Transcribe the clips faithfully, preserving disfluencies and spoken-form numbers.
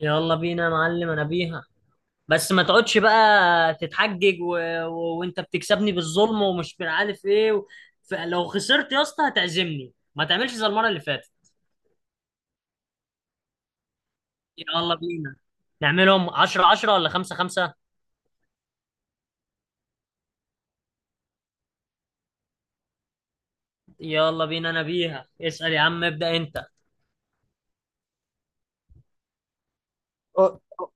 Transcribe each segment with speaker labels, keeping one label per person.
Speaker 1: يلا بينا يا معلم، انا بيها. بس ما تقعدش بقى تتحجج و... و... وانت بتكسبني بالظلم ومش عارف ايه و... فلو خسرت يا اسطى هتعزمني، ما تعملش زي المره اللي فاتت. يلا بينا، نعملهم عشرة عشرة ولا خمسة خمسة؟ يلا بينا، انا بيها. اسأل يا عم، ابدأ انت. أه، أه.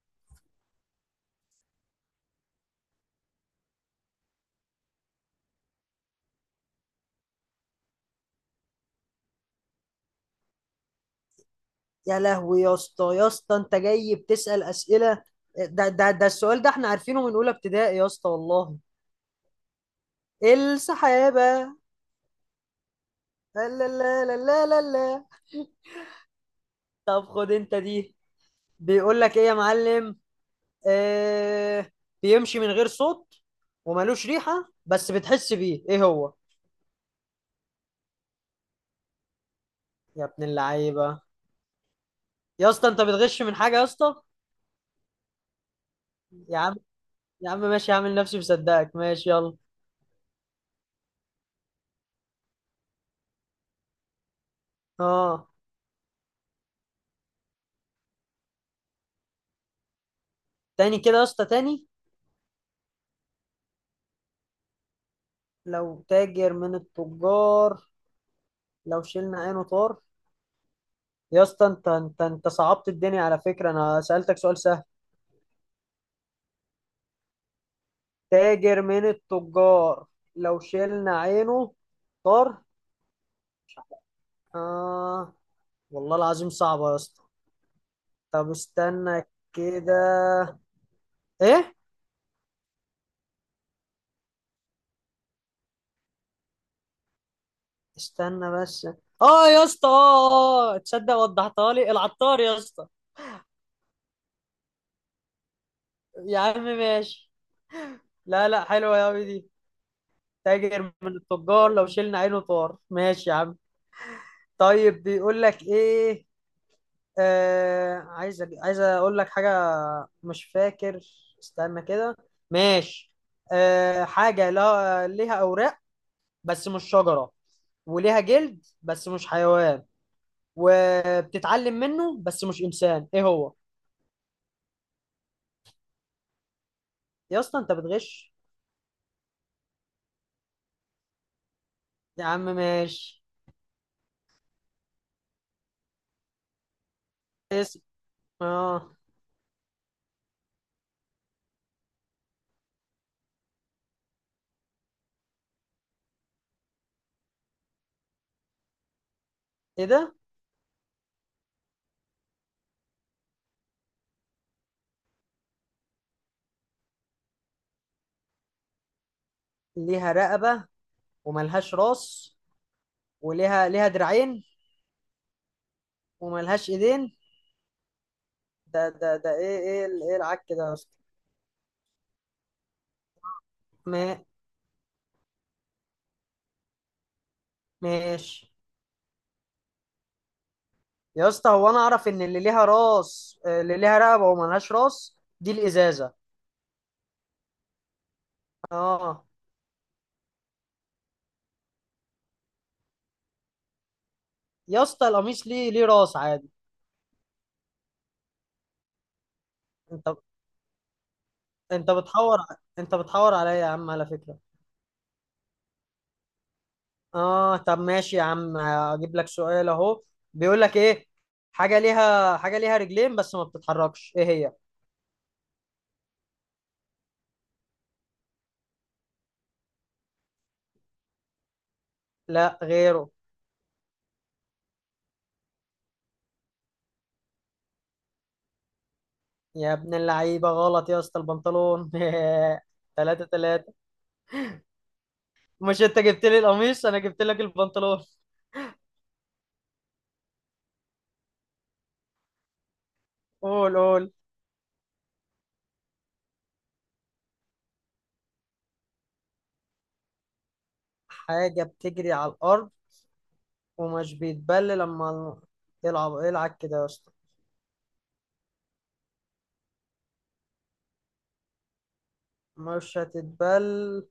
Speaker 1: يا لهوي يا اسطى يا اسطى، انت جاي بتسأل اسئله؟ ده ده ده السؤال ده احنا عارفينه من اولى ابتدائي يا اسطى، والله. السحابه. لا، لا، لا، لا، لا، لا. طب خد انت دي. بيقول لك ايه يا معلم؟ آه. بيمشي من غير صوت، ومالوش ريحة بس بتحس بيه، ايه هو؟ يا ابن اللعيبة! يا اسطى، انت بتغش من حاجة يا اسطى! يا عم. يا عم ماشي، هعمل نفسي مصدقك، ماشي يلا. اه. تاني كده يا اسطى، تاني. لو تاجر من التجار، لو شلنا عينه طار. يا اسطى، انت انت انت صعبت الدنيا على فكرة. انا سألتك سؤال سهل. تاجر من التجار، لو شلنا عينه طار. آه. والله العظيم صعبة يا اسطى. طب استنى. كده. ايه؟ استنى بس. اه يا اسطى. اه اه اه. تصدق وضحتها لي؟ العطار يا اسطى! يا عم ماشي. لا، لا، حلوة يا أوي دي. تاجر من التجار لو شلنا عينه طار. ماشي يا عم. طيب، بيقول لك ايه؟ آه، عايز أج- عايز اقول لك حاجة. مش فاكر. استنى كده. ماشي. آه حاجة لا ليها أوراق بس مش شجرة، وليها جلد بس مش حيوان، وبتتعلم منه بس مش انسان، ايه هو؟ يا اسطى، انت بتغش! يا عم ماشي. اسم. اه. ايه ده؟ ليها رقبة، وملهاش راس، وليها ليها دراعين، وملهاش ايدين. ده ده ده ايه ايه ال- ايه العك ده يا اسطى؟ ما. ماشي. يا اسطى، هو انا اعرف ان اللي ليها راس، آه، اللي ليها رقبة وملهاش راس دي الازازة. اه يا اسطى، القميص ليه ليه راس عادي. انت انت بتحور انت بتحور عليا يا عم على فكرة. اه، طب ماشي يا عم، اجيب لك سؤال اهو. بيقول لك ايه؟ حاجه ليها حاجه ليها رجلين بس ما بتتحركش، ايه هي؟ لا، غيره. يا ابن اللعيبه، غلط يا اسطى، البنطلون. ثلاثة ثلاثة. مش انت جبت لي القميص، انا جبت لك البنطلون؟ قول قول. حاجه بتجري على الارض، ومش بيتبل لما. العب العب كده يا اسطى. مش هتتبل.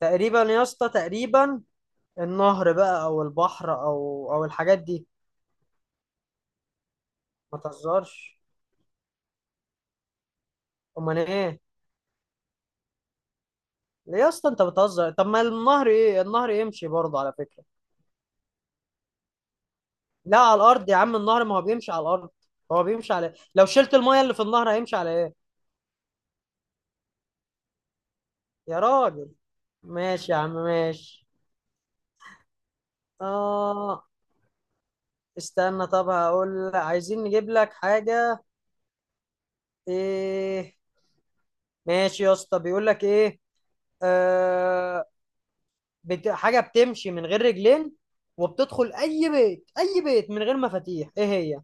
Speaker 1: تقريبا يا اسطى تقريبا. النهر بقى او البحر او او الحاجات دي. ما تهزرش! امال ايه؟ ليه يا اسطى انت بتهزر؟ طب ما النهر، ايه، النهر يمشي برضه على فكره. لا، على الارض يا عم، النهر ما هو بيمشي على الارض. هو بيمشي على إيه؟ لو شلت المايه اللي في النهر، هيمشي على ايه؟ يا راجل! ماشي يا عم، ماشي. اه. استنى، طب هقول لك، عايزين نجيب لك حاجه. ايه؟ ماشي يا اسطى، بيقول لك ايه؟ آه، بت... حاجه بتمشي من غير رجلين، وبتدخل اي بيت اي بيت من غير مفاتيح، ايه هي؟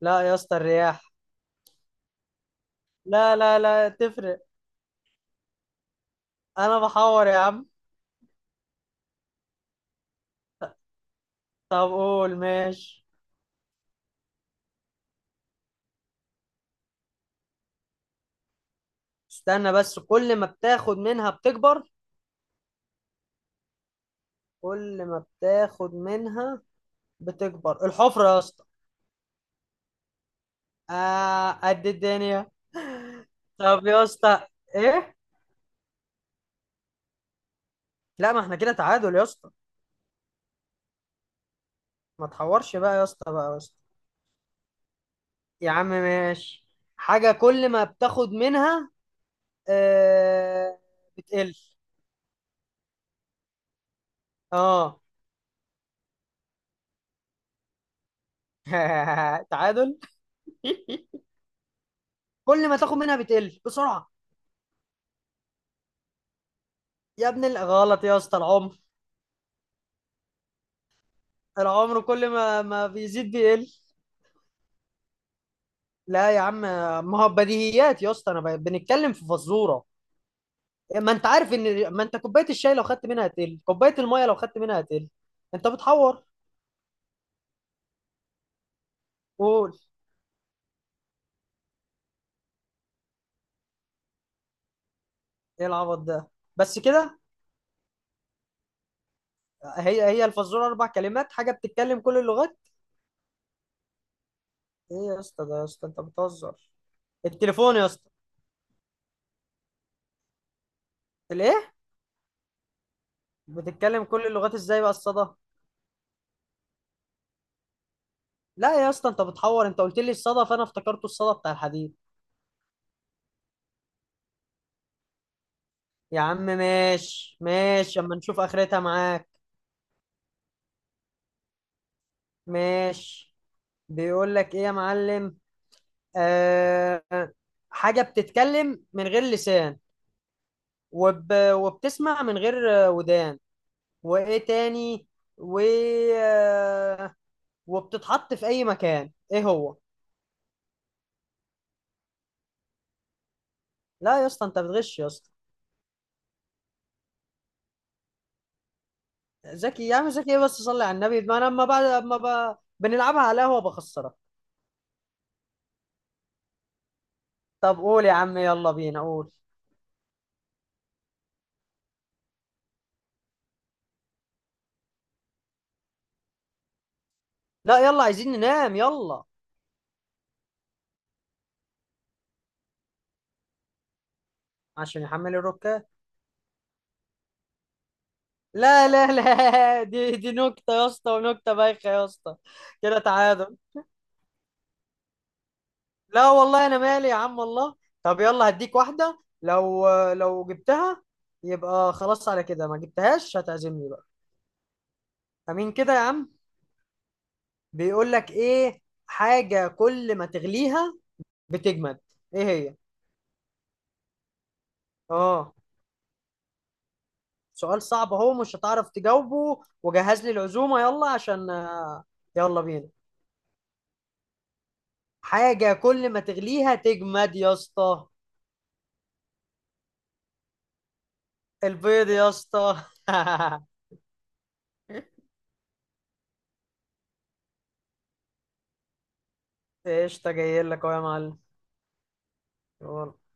Speaker 1: لا يا اسطى، الرياح. لا، لا، لا، تفرق. انا بحور يا عم؟ طب قول، ماشي. استنى بس، كل ما بتاخد منها بتكبر. كل ما بتاخد منها، بتكبر الحفرة يا اسطى! آه، قد الدنيا. طب يا اسطى. ايه؟ لا، ما احنا كده تعادل يا اسطى. ما تحورش بقى يا اسطى، بقى يا اسطى. يا عم ماشي. حاجة كل ما بتاخد منها. آه. بتقل. اه. تعادل. كل ما تاخد منها بتقل بسرعة. يا ابن ال- غلط يا اسطى، العمر! العمر، كل ما ما بيزيد بيقل. لا يا عم. ما هو بديهيات يا اسطى، انا ب- بنتكلم في فزوره. ما انت عارف ان ما انت كوبايه الشاي لو خدت منها هتقل، كوبايه الميه لو خدت منها هتقل. انت بتحور! قول. ايه العبط ده؟ بس كده؟ هي هي الفزوره اربع كلمات، حاجه بتتكلم كل اللغات. ايه يا اسطى ده، يا اسطى انت بتهزر! التليفون يا اسطى. الايه؟ بتتكلم كل اللغات ازاي بقى الصدى؟ لا يا اسطى، انت بتحور. انت قلت لي الصدى فانا افتكرته الصدى بتاع الحديد. يا عم ماشي ماشي، اما نشوف اخرتها معاك. ماشي. بيقول لك ايه يا معلم؟ آه. حاجة بتتكلم من غير لسان، وب... وبتسمع من غير آه، ودان، وايه تاني و آه، وبتتحط في اي مكان، ايه هو؟ لا يا اسطى، انت بتغش يا اسطى! ذكي يا عم؟ ذكي ايه؟ بس صلي على النبي، ما انا اما بعد اما ب... بنلعبها على قهوة بخسرك. طب قول يا عم، يلا بينا قول. لا، يلا، عايزين ننام، يلا. عشان يحمل الركاب. لا، لا، لا، دي دي نكتة يا اسطى، ونكتة بايخة يا اسطى! كده تعادل. لا والله، انا مالي يا عم، الله. طب يلا هديك واحدة، لو لو جبتها. يبقى خلاص على كده، ما جبتهاش، هتعزمني بقى. امين كده يا عم. بيقول لك ايه؟ حاجة كل ما تغليها، بتجمد. ايه هي؟ اه. سؤال صعب اهو، مش هتعرف تجاوبه، وجهز لي العزومة يلا عشان. آه، يلا بينا. حاجة كل ما تغليها تجمد يا اسطى؟ البيض يا اسطى! قشطة، جاي لك اهو يا معلم. يلا.